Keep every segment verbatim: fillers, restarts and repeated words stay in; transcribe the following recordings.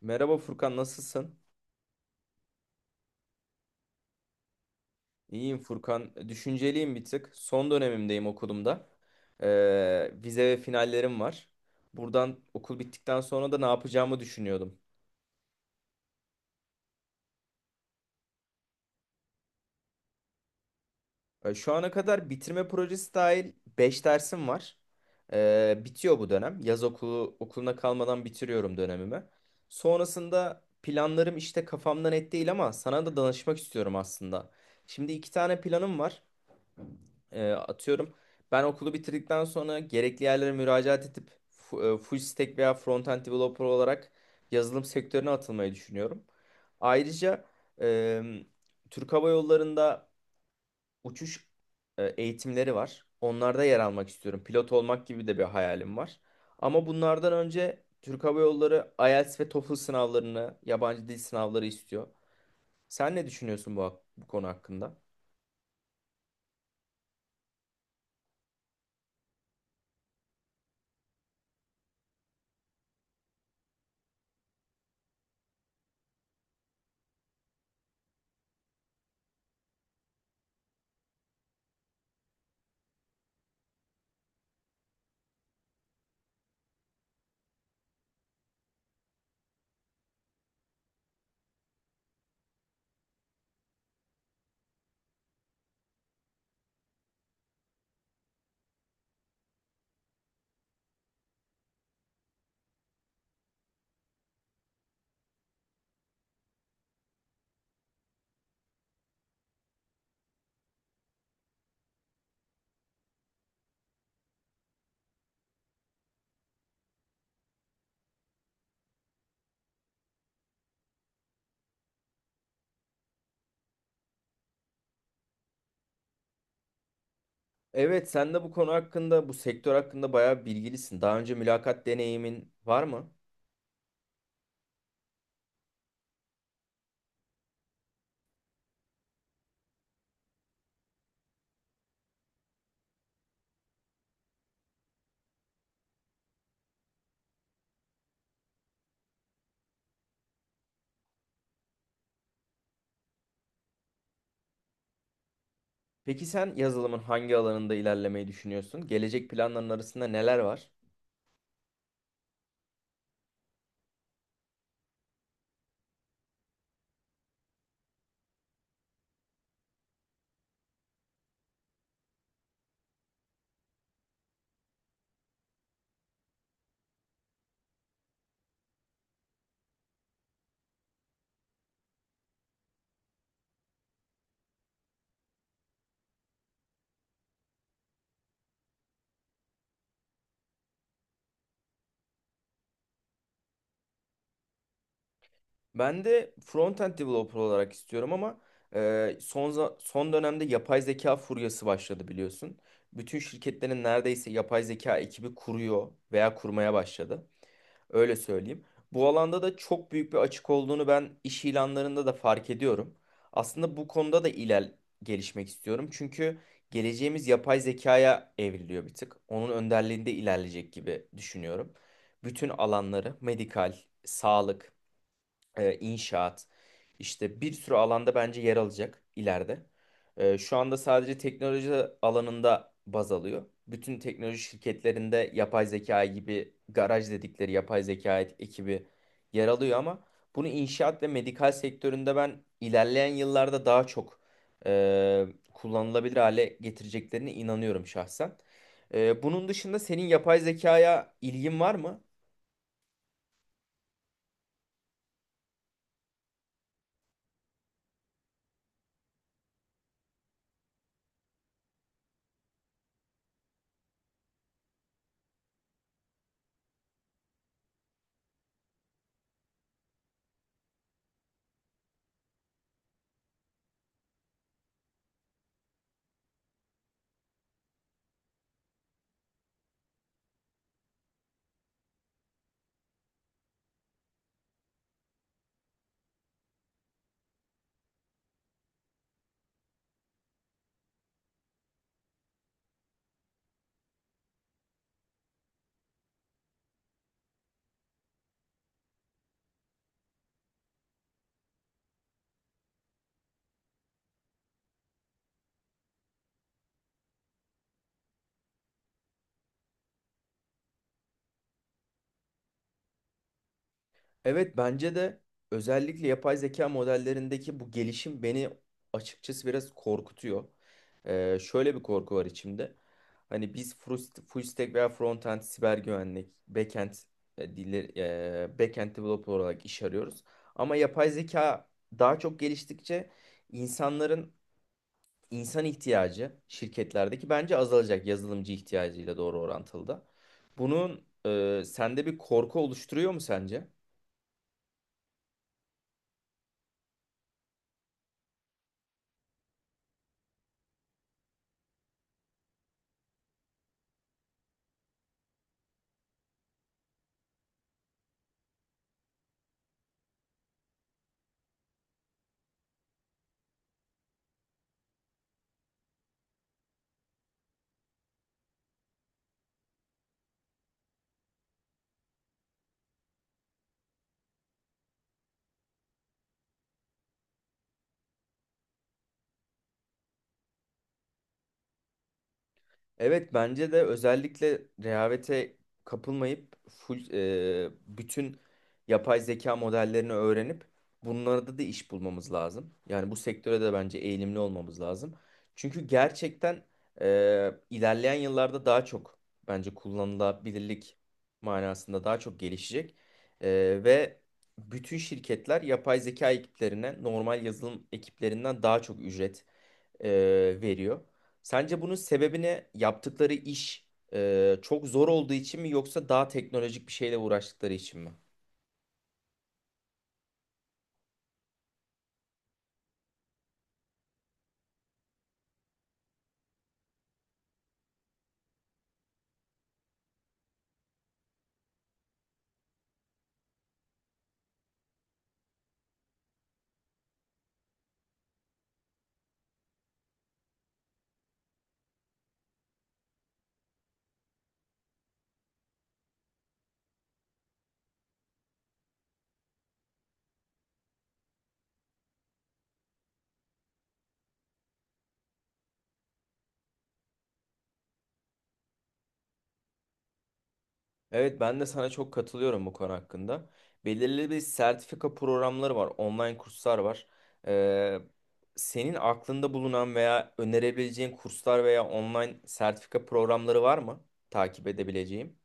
Merhaba Furkan, nasılsın? İyiyim Furkan. Düşünceliyim bir tık. Son dönemimdeyim okulumda. Ee, vize ve finallerim var. Buradan okul bittikten sonra da ne yapacağımı düşünüyordum. Ee, şu ana kadar bitirme projesi dahil beş dersim var. Ee, bitiyor bu dönem. Yaz okulu okuluna kalmadan bitiriyorum dönemimi. Sonrasında planlarım işte kafamda net değil ama sana da danışmak istiyorum aslında. Şimdi iki tane planım var. E, atıyorum ben okulu bitirdikten sonra gerekli yerlere müracaat edip fu- e, full stack veya front-end developer olarak yazılım sektörüne atılmayı düşünüyorum. Ayrıca e, Türk Hava Yolları'nda uçuş e, eğitimleri var. Onlarda yer almak istiyorum. Pilot olmak gibi de bir hayalim var. Ama bunlardan önce Türk Hava Yolları IELTS ve TOEFL sınavlarını, yabancı dil sınavları istiyor. Sen ne düşünüyorsun bu, hak- bu konu hakkında? Evet, sen de bu konu hakkında, bu sektör hakkında bayağı bilgilisin. Daha önce mülakat deneyimin var mı? Peki sen yazılımın hangi alanında ilerlemeyi düşünüyorsun? Gelecek planların arasında neler var? Ben de front-end developer olarak istiyorum ama e, son za- son dönemde yapay zeka furyası başladı biliyorsun. Bütün şirketlerin neredeyse yapay zeka ekibi kuruyor veya kurmaya başladı. Öyle söyleyeyim. Bu alanda da çok büyük bir açık olduğunu ben iş ilanlarında da fark ediyorum. Aslında bu konuda da iler gelişmek istiyorum. Çünkü geleceğimiz yapay zekaya evriliyor bir tık. Onun önderliğinde ilerleyecek gibi düşünüyorum. Bütün alanları, medikal, sağlık, e, inşaat işte bir sürü alanda bence yer alacak ileride. E, şu anda sadece teknoloji alanında baz alıyor. Bütün teknoloji şirketlerinde yapay zeka gibi garaj dedikleri yapay zeka et- ekibi yer alıyor ama bunu inşaat ve medikal sektöründe ben ilerleyen yıllarda daha çok e, kullanılabilir hale getireceklerine inanıyorum şahsen. E, bunun dışında senin yapay zekaya ilgin var mı? Evet bence de özellikle yapay zeka modellerindeki bu gelişim beni açıkçası biraz korkutuyor. Ee, şöyle bir korku var içimde. Hani biz frust- full stack veya frontend siber güvenlik, backend e, dilleri, e, backend developer olarak iş arıyoruz. Ama yapay zeka daha çok geliştikçe insanların insan ihtiyacı şirketlerdeki bence azalacak, yazılımcı ihtiyacıyla doğru orantılı da. Bunun e, sende bir korku oluşturuyor mu sence? Evet bence de özellikle rehavete kapılmayıp full e, bütün yapay zeka modellerini öğrenip bunlarda da iş bulmamız lazım. Yani bu sektöre de bence eğilimli olmamız lazım. Çünkü gerçekten e, ilerleyen yıllarda daha çok bence kullanılabilirlik manasında daha çok gelişecek. E, ve bütün şirketler yapay zeka ekiplerine normal yazılım ekiplerinden daha çok ücret e, veriyor. Sence bunun sebebi ne? Yaptıkları iş e, çok zor olduğu için mi yoksa daha teknolojik bir şeyle uğraştıkları için mi? Evet ben de sana çok katılıyorum bu konu hakkında. Belirli bir sertifika programları var, online kurslar var. Ee, Senin aklında bulunan veya önerebileceğin kurslar veya online sertifika programları var mı takip edebileceğim?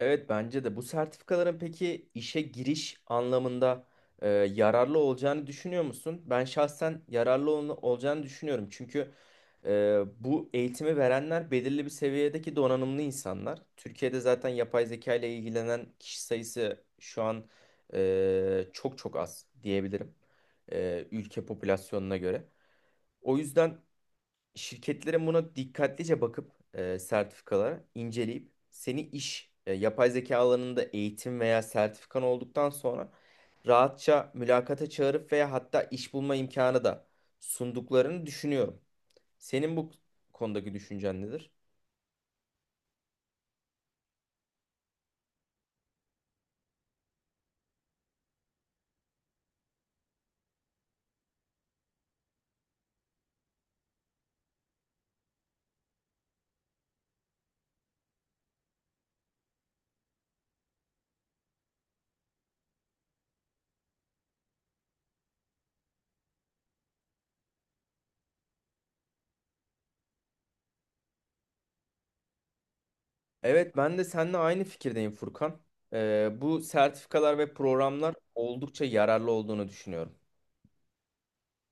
Evet bence de bu sertifikaların peki işe giriş anlamında e, yararlı olacağını düşünüyor musun? Ben şahsen yararlı ol- olacağını düşünüyorum. Çünkü e, bu eğitimi verenler belirli bir seviyedeki donanımlı insanlar. Türkiye'de zaten yapay zeka ile ilgilenen kişi sayısı şu an e, çok çok az diyebilirim. E, ülke popülasyonuna göre. O yüzden şirketlerin buna dikkatlice bakıp e, sertifikalara inceleyip seni iş e, yapay zeka alanında eğitim veya sertifikan olduktan sonra rahatça mülakata çağırıp veya hatta iş bulma imkanı da sunduklarını düşünüyorum. Senin bu konudaki düşüncen nedir? Evet ben de seninle aynı fikirdeyim Furkan. E, bu sertifikalar ve programlar oldukça yararlı olduğunu düşünüyorum.